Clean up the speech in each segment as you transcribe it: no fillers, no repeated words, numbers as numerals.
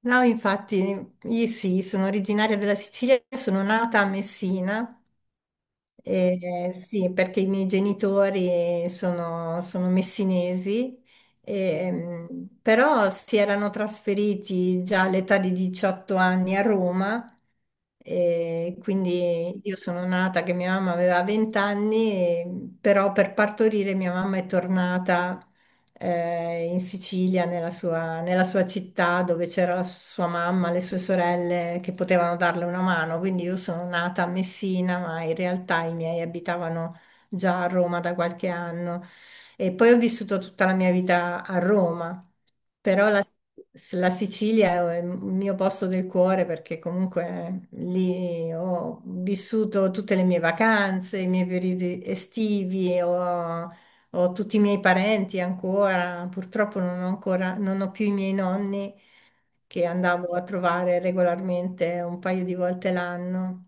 No, infatti, io sì, sono originaria della Sicilia, sono nata a Messina, sì, perché i miei genitori sono, sono messinesi, però si erano trasferiti già all'età di 18 anni a Roma, e quindi io sono nata che mia mamma aveva 20 anni, però per partorire mia mamma è tornata in Sicilia, nella sua città dove c'era la sua mamma, le sue sorelle che potevano darle una mano. Quindi io sono nata a Messina, ma in realtà i miei abitavano già a Roma da qualche anno. E poi ho vissuto tutta la mia vita a Roma, però la Sicilia è il mio posto del cuore perché comunque lì ho vissuto tutte le mie vacanze, i miei periodi estivi. Ho tutti i miei parenti ancora, purtroppo non ho ancora, non ho più i miei nonni che andavo a trovare regolarmente un paio di volte l'anno.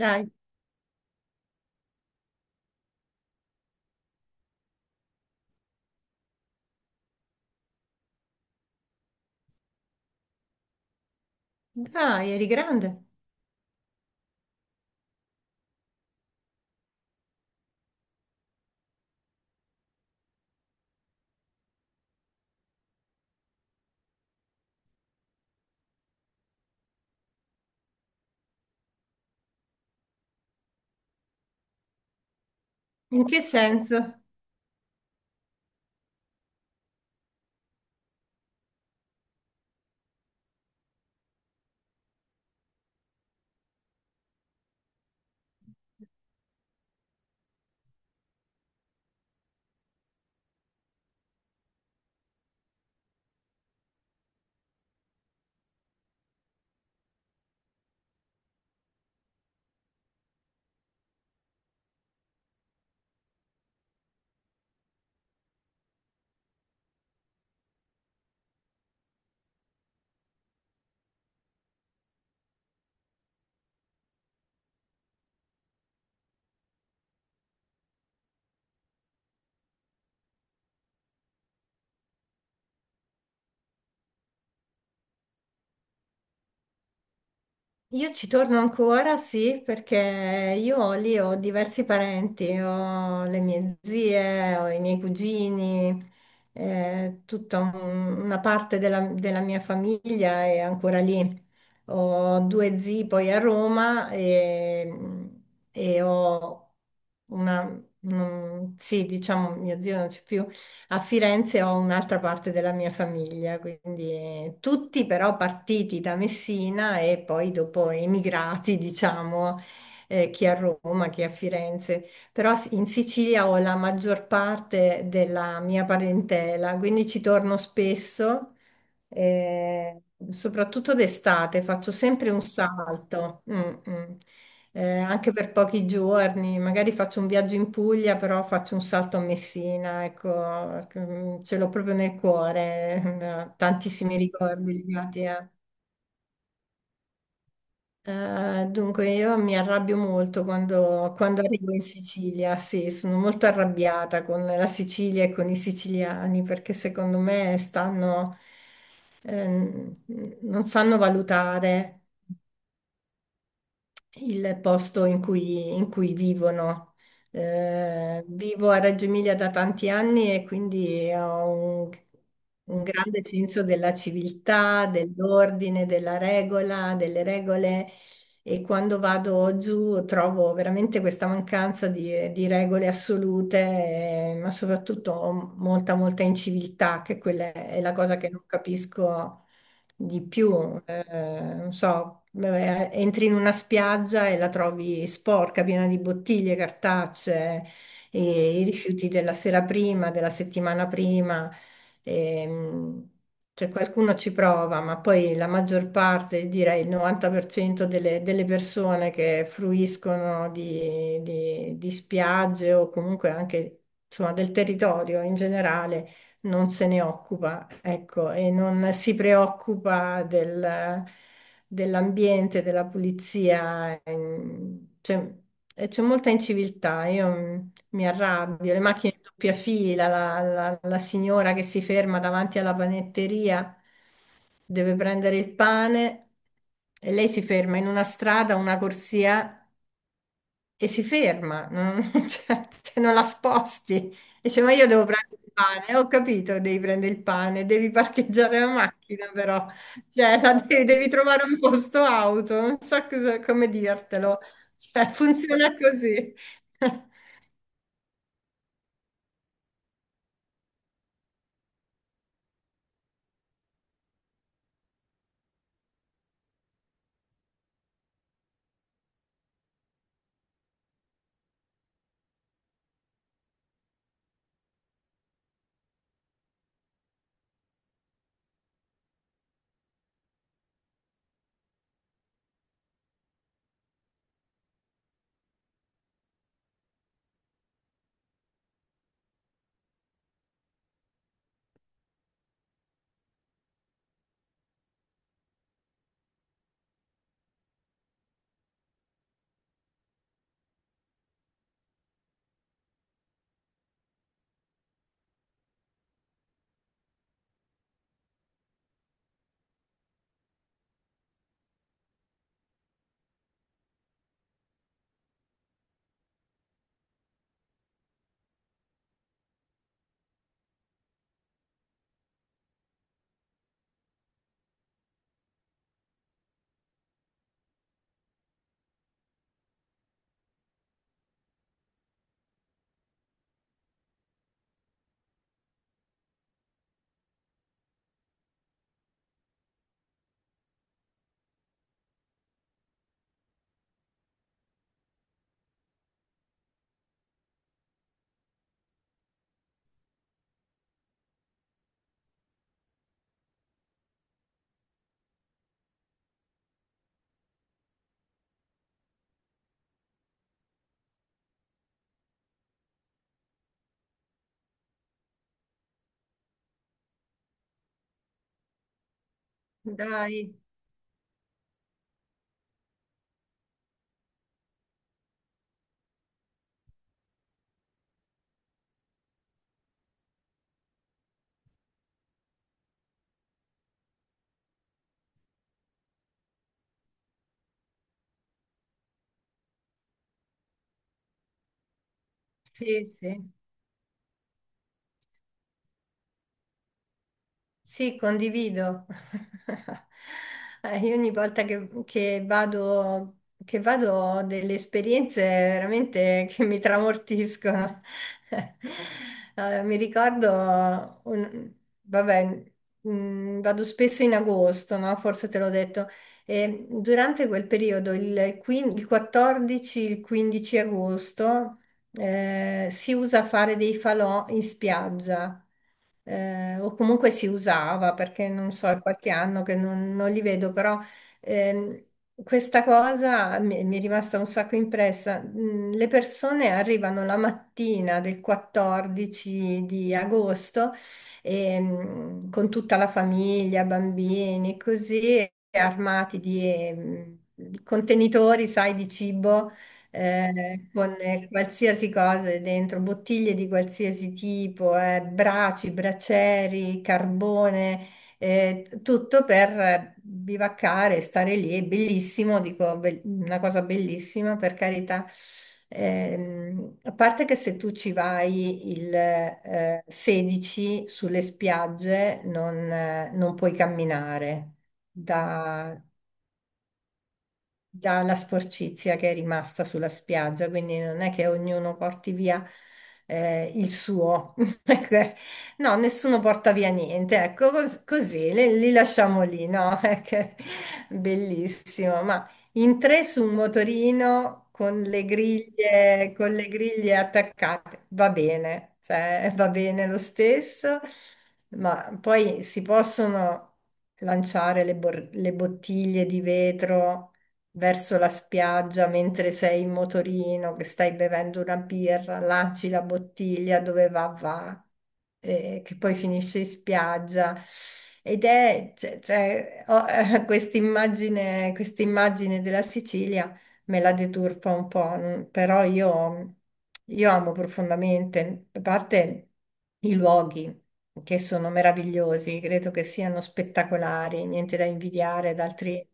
Dai, dai, eri grande. In che senso? Io ci torno ancora, sì, perché io lì ho diversi parenti, ho le mie zie, ho i miei cugini, tutta una parte della mia famiglia è ancora lì. Ho due zii poi a Roma e ho una, sì, diciamo, mio zio non c'è più, a Firenze ho un'altra parte della mia famiglia, quindi tutti però partiti da Messina e poi dopo emigrati, diciamo, chi a Roma, chi a Firenze. Però in Sicilia ho la maggior parte della mia parentela, quindi ci torno spesso eh, soprattutto d'estate, faccio sempre un salto, mm, mm. Anche per pochi giorni, magari faccio un viaggio in Puglia, però faccio un salto a Messina, ecco, perché, mm, ce l'ho proprio nel cuore, tantissimi ricordi legati a dunque, io mi arrabbio molto quando, quando arrivo in Sicilia, sì, sono molto arrabbiata con la Sicilia e con i siciliani perché secondo me stanno, ehm, non sanno valutare il posto in cui vivono. Vivo a Reggio Emilia da tanti anni e quindi ho un, un grande senso della civiltà, dell'ordine, della regola, delle regole e quando vado giù trovo veramente questa mancanza di regole assolute, ma soprattutto molta, molta inciviltà, che quella è la cosa che non capisco di più, non so, vabbè, entri in una spiaggia e la trovi sporca, piena di bottiglie, cartacee, e i rifiuti della sera prima, della settimana prima. Ehm, cioè qualcuno ci prova, ma poi la maggior parte, direi il 90% delle, delle persone che fruiscono di, di spiagge o comunque anche insomma, del territorio in generale, non se ne occupa, ecco, e non si preoccupa dell'ambiente, della pulizia, c'è molta inciviltà, io mm, mi arrabbio, le macchine in doppia fila, la signora che si ferma davanti alla panetteria, deve prendere il pane e lei si ferma in una strada, una corsia e si ferma, non, cioè, non la sposti. Dice, ma io devo prendere il pane. Ho capito, devi prendere il pane, devi parcheggiare la macchina però, cioè, la devi, devi trovare un posto auto, non so come dirtelo. Cioè, funziona così. Dai, sì, sì. Sì, condivido. Io ogni volta che vado ho delle esperienze veramente che mi tramortiscono. Mi ricordo, vabbè, mm, vado spesso in agosto, no? Forse te l'ho detto, e durante quel periodo, il 14, il 15 agosto, si usa fare dei falò in spiaggia, o comunque si usava perché non so, è qualche anno che non, non li vedo, però ehm, questa cosa mi, mi è rimasta un sacco impressa. Mm, le persone arrivano la mattina del 14 di agosto con tutta la famiglia, bambini, così, armati di contenitori, sai, di cibo con qualsiasi cosa dentro, bottiglie di qualsiasi tipo, braci, bracieri, carbone, tutto per bivaccare, stare lì, è bellissimo, dico, una cosa bellissima, per carità. A parte che se tu ci vai il 16 sulle spiagge non, non puoi camminare Da, dalla sporcizia che è rimasta sulla spiaggia, quindi non è che ognuno porti via il suo. No, nessuno porta via niente, ecco, così li, li lasciamo lì, no? Bellissimo, ma in tre su un motorino con le griglie attaccate, va bene, cioè, va bene lo stesso, ma poi si possono lanciare le bottiglie di vetro verso la spiaggia mentre sei in motorino, che stai bevendo una birra, lanci la bottiglia dove va, va, che poi finisce in spiaggia. Ed è cioè, ho, quest'immagine, quest'immagine della Sicilia me la deturpa un po', però io amo profondamente, a parte i luoghi che sono meravigliosi, credo che siano spettacolari, niente da invidiare ad altri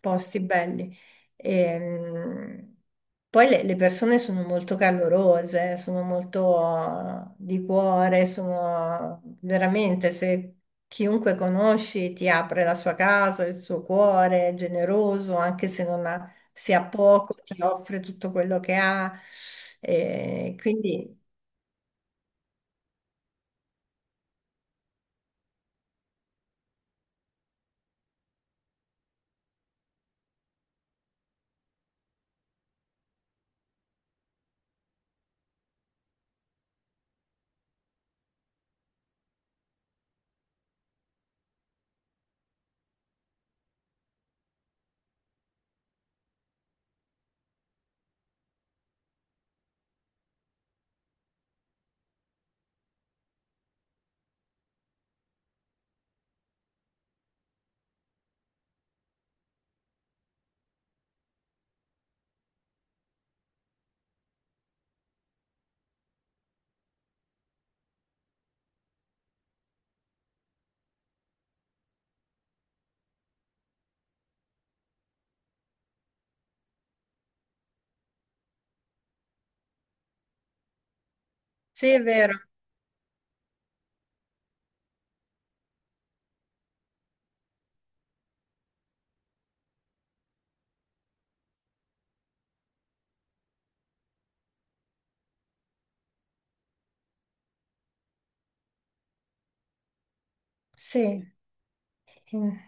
posti belli. Ehm, Poi le persone sono molto calorose, sono molto di cuore, sono veramente se chiunque conosci ti apre la sua casa, il suo cuore, è generoso, anche se non ha se ha poco ti offre tutto quello che ha. Quindi sì, è vero, sì. Mm.